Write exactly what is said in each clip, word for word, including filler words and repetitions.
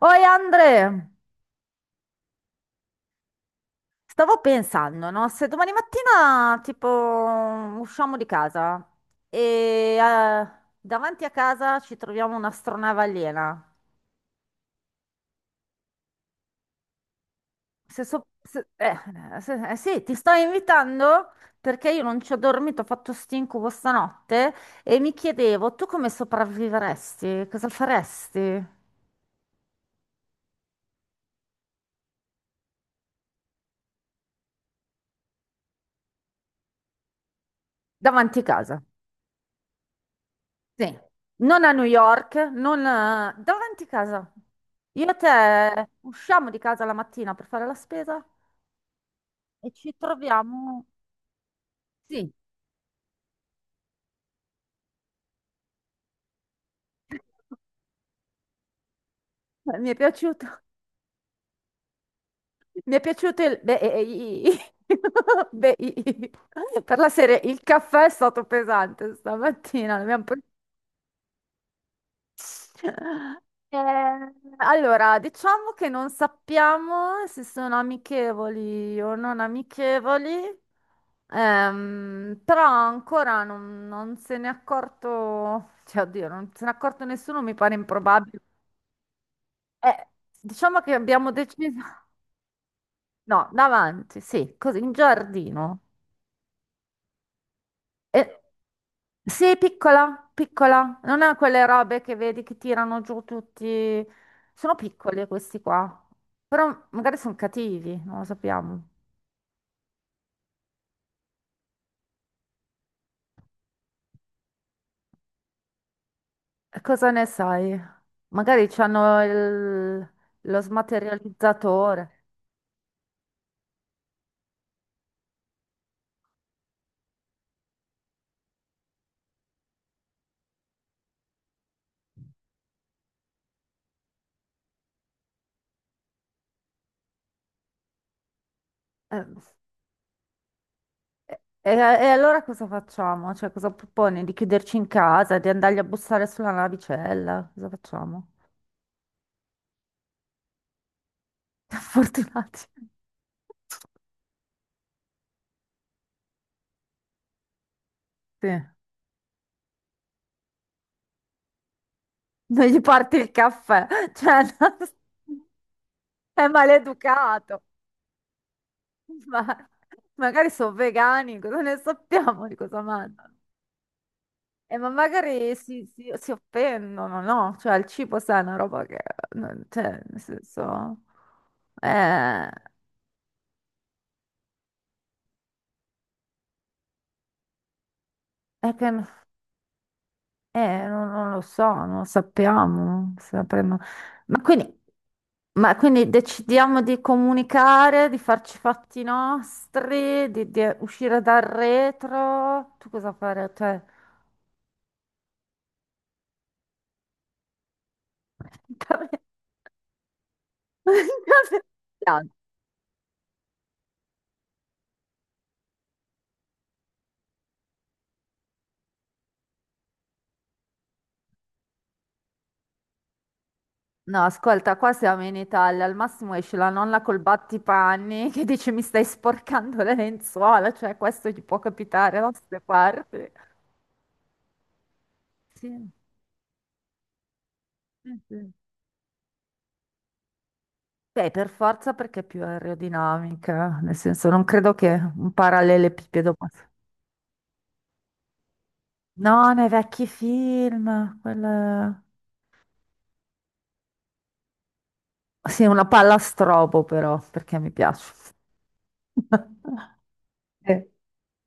Oi Andre, stavo pensando, no? Se domani mattina tipo usciamo di casa e eh, davanti a casa ci troviamo un'astronave aliena. Se so- se- eh, se- eh, sì, ti sto invitando perché io non ci ho dormito, ho fatto stinco stanotte e mi chiedevo tu come sopravviveresti? Cosa faresti davanti a casa? Sì, non a New York, non a- davanti casa. Io e te usciamo di casa la mattina per fare la spesa e ci troviamo. Sì, mi è piaciuto. Mi è piaciuto il... Beh, eh, i- i- beh, i- i- per la serie, il caffè è stato pesante stamattina. L'abbiamo Eh, allora, diciamo che non sappiamo se sono amichevoli o non amichevoli, ehm, però ancora non, non se n'è accorto, cioè, oddio, non se n'è accorto nessuno, mi pare improbabile. Eh, diciamo che abbiamo deciso, No, davanti, sì, così, in giardino. Eh, sì, piccola, piccola, non ha quelle robe che vedi che tirano giù tutti. Sono piccoli questi qua, però magari sono cattivi, non lo sappiamo. E cosa ne sai? Magari c'hanno il- lo smaterializzatore. Eh, E, e- e allora cosa facciamo? Cioè, cosa proponi? Di chiuderci in casa, di andargli a bussare sulla navicella? Cosa facciamo? Fortunati. Sì. Non gli porti il caffè. Cioè, no. È maleducato. Ma magari sono vegani, cosa ne sappiamo di cosa mangiano? Eh, ma magari si, si- si offendono, no? Cioè, il cibo, sai, è una roba che... non- Cioè, nel senso... Eh, è che... eh, non, non lo so, non lo sappiamo. sapremo. Ma quindi... Ma quindi decidiamo di comunicare, di farci i fatti nostri, di, di uscire dal retro. Tu cosa fare? Cioè... No, ascolta, qua siamo in Italia, al massimo esce la nonna col battipanni che dice mi stai sporcando le lenzuola, cioè questo gli può capitare da queste parti. Sì, sì, sì. Beh, per forza perché è più aerodinamica, nel senso non credo che un parallelepipedo possa... No, nei vecchi film, quella... Sì, una palla a strobo però, perché mi piace. Eh,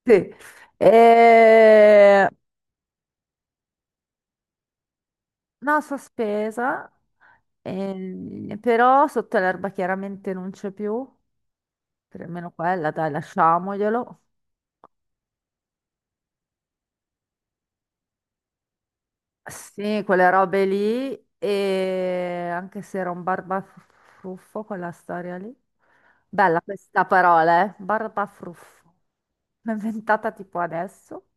Sì. E... No, sospesa, ehm, però sotto l'erba chiaramente non c'è più, per almeno quella, dai, lasciamoglielo. Sì, quelle robe lì, e anche se era un barbafruffo quella storia lì. Bella questa parola, eh? Barbafruffo. L'ho inventata tipo adesso.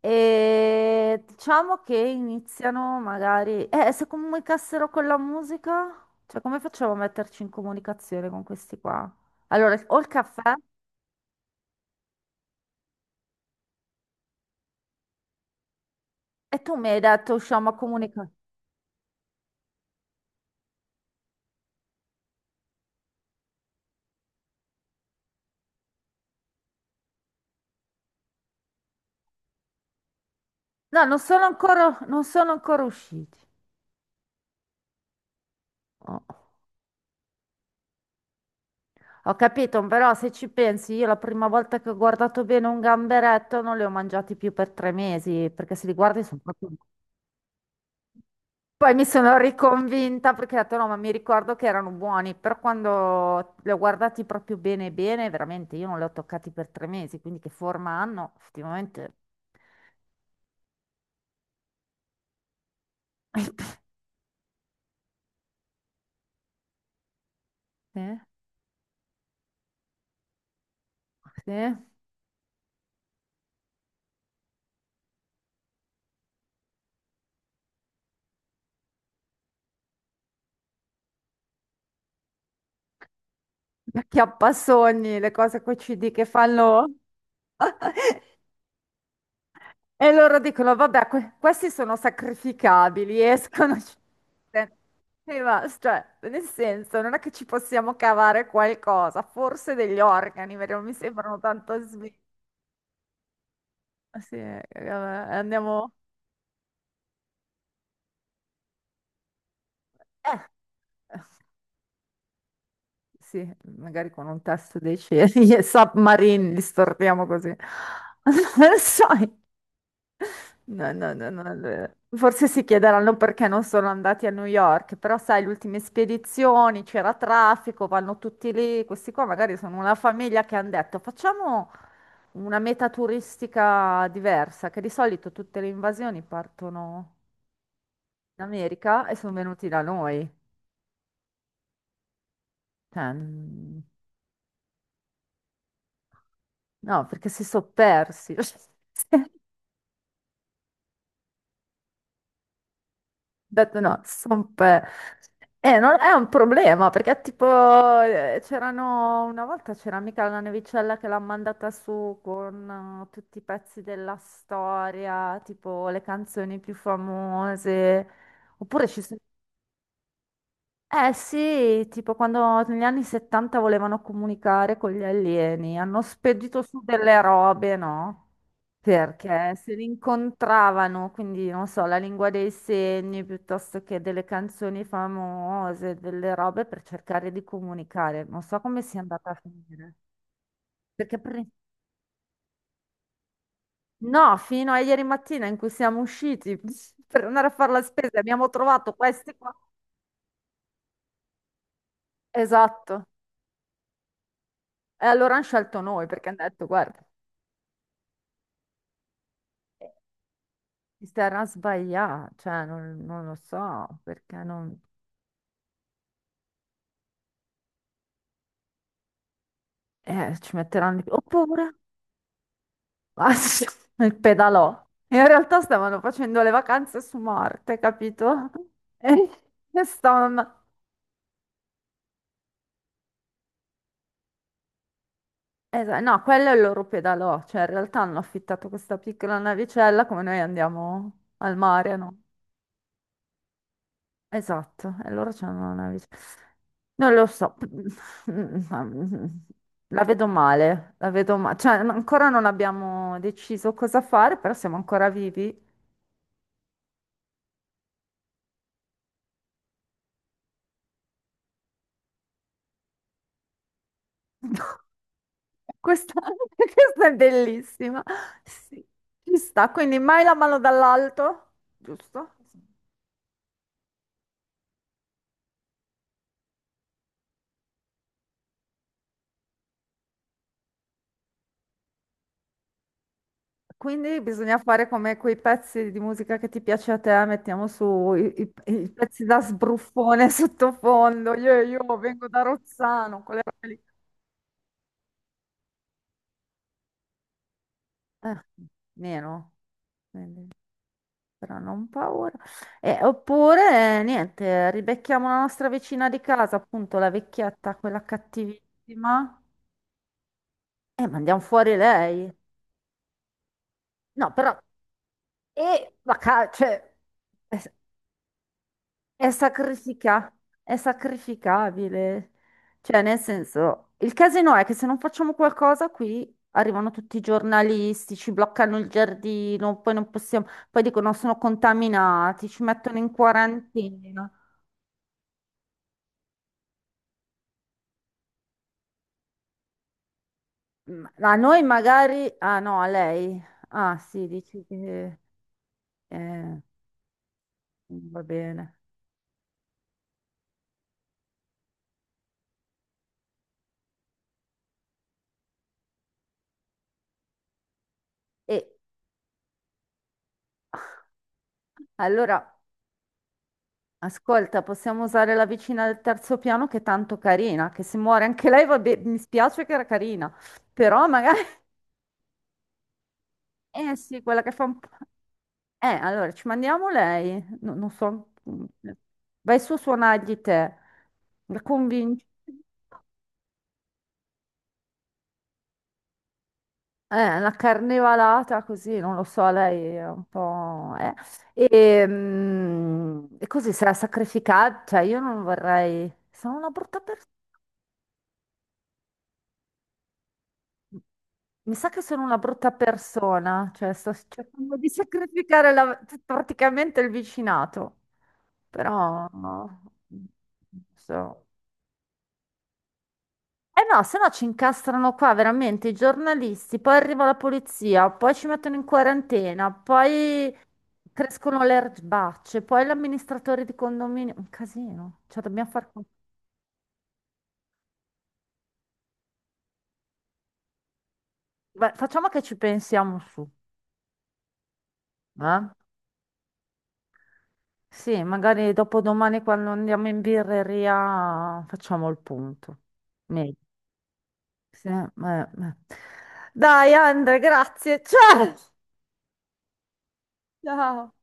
E diciamo che iniziano magari... Eh, se comunicassero con la musica? Cioè, come facciamo a metterci in comunicazione con questi qua? Allora, ho il caffè e tu mi hai detto usciamo a comunicare. No, non sono ancora, non sono ancora usciti. Oh. Ho capito, però se ci pensi, io la prima volta che ho guardato bene un gamberetto non li ho mangiati più per tre mesi, perché se li guardi sono proprio... Poi mi sono riconvinta perché ho detto no, ma mi ricordo che erano buoni, però quando li ho guardati proprio bene bene, veramente io non li ho toccati per tre mesi, quindi che forma hanno? Effettivamente, sì, sì. Acchiappasogni, le cose Q C D che fanno. E loro dicono, vabbè, que- questi sono sacrificabili, escono. Sì, ma, cioè, nel senso, non è che ci possiamo cavare qualcosa, forse degli organi, perché non mi sembrano tanto svegli. Ah, sì, eh, andiamo... eh, Sì, magari con un testo dei cieli, e submarine, li storpiamo così. Non lo so. No, no, no, no, no. Forse si chiederanno perché non sono andati a New York, però sai, le ultime spedizioni, c'era traffico, vanno tutti lì, questi qua magari sono una famiglia che hanno detto facciamo una meta turistica diversa, che di solito tutte le invasioni partono in America e sono venuti da noi. Cioè, mm, no, perché si sono persi. Ho detto no, si sono E non è un problema, perché tipo eh, c'erano una volta c'era mica la nevicella che l'ha mandata su con eh, tutti i pezzi della storia, tipo le canzoni più famose. Oppure ci sono Eh sì, tipo quando negli anni settanta volevano comunicare con gli alieni, hanno spedito su delle robe, no? Perché se li incontravano, quindi non so, la lingua dei segni piuttosto che delle canzoni famose, delle robe per cercare di comunicare. Non so come sia andata a finire. Perché pre- no, fino a ieri mattina in cui siamo usciti per andare a fare la spesa, abbiamo trovato questi qua. Esatto. E allora hanno scelto noi perché hanno detto, guarda. Si sarà sbagliato, cioè non, non lo so perché non... eh, ci metteranno di più. Oppure ah, sì, il pedalò. In realtà stavano facendo le vacanze su Marte, capito? E, e stavano... Esa- no, quello è il loro pedalò, cioè in realtà hanno affittato questa piccola navicella come noi andiamo al mare, no? Esatto, e loro c'hanno una visione. Non lo so, la vedo male, la vedo male. Cioè, ancora non abbiamo deciso cosa fare, però siamo ancora vivi. Questa, questa è bellissima. Sì, ci sta, quindi mai la mano dall'alto, giusto? Quindi bisogna fare come quei pezzi di musica che ti piace a te, mettiamo su i, i- i pezzi da sbruffone sottofondo. Io, io vengo da Rozzano, quelle robe lì. Eh, meno, però non paura. Eh, oppure, eh, niente, ribecchiamo la nostra vicina di casa, appunto la vecchietta, quella cattivissima, e mandiamo fuori lei. No, però, e la ca- cioè, è, è sacrifica- è sacrificabile. Cioè, nel senso, il casino è che se non facciamo qualcosa qui, arrivano tutti i giornalisti, ci bloccano il giardino, poi non possiamo, poi dicono sono contaminati, ci mettono in quarantena. M- A noi magari... Ah no, a lei. Ah sì, dici che... eh, mm, va bene. E allora, ascolta, possiamo usare la vicina del terzo piano che è tanto carina, che se muore anche lei, va bene, mi spiace che era carina, però magari... Eh sì, quella che fa un po'... Eh, allora, ci mandiamo lei. No- non so... mm, Vai su a suonargli te. La convinci. Eh, la carnevalata così, non lo so, lei è un po'... eh. E, mm, e così sarà sacrificata, cioè io non vorrei... Sono una brutta persona. Mi sa che sono una brutta persona, cioè sto cercando di sacrificare la- praticamente il vicinato, però no, non so. Eh no, se no ci incastrano qua veramente i giornalisti, poi arriva la polizia, poi ci mettono in quarantena, poi crescono le erbacce, poi l'amministratore di condominio. Un casino. Cioè, dobbiamo far... co- Beh, facciamo che ci pensiamo su. Eh? Sì, magari dopo domani quando andiamo in birreria facciamo il punto. Meglio. Sì, eh, eh. Dai, Andre, grazie. Ciao! Ciao!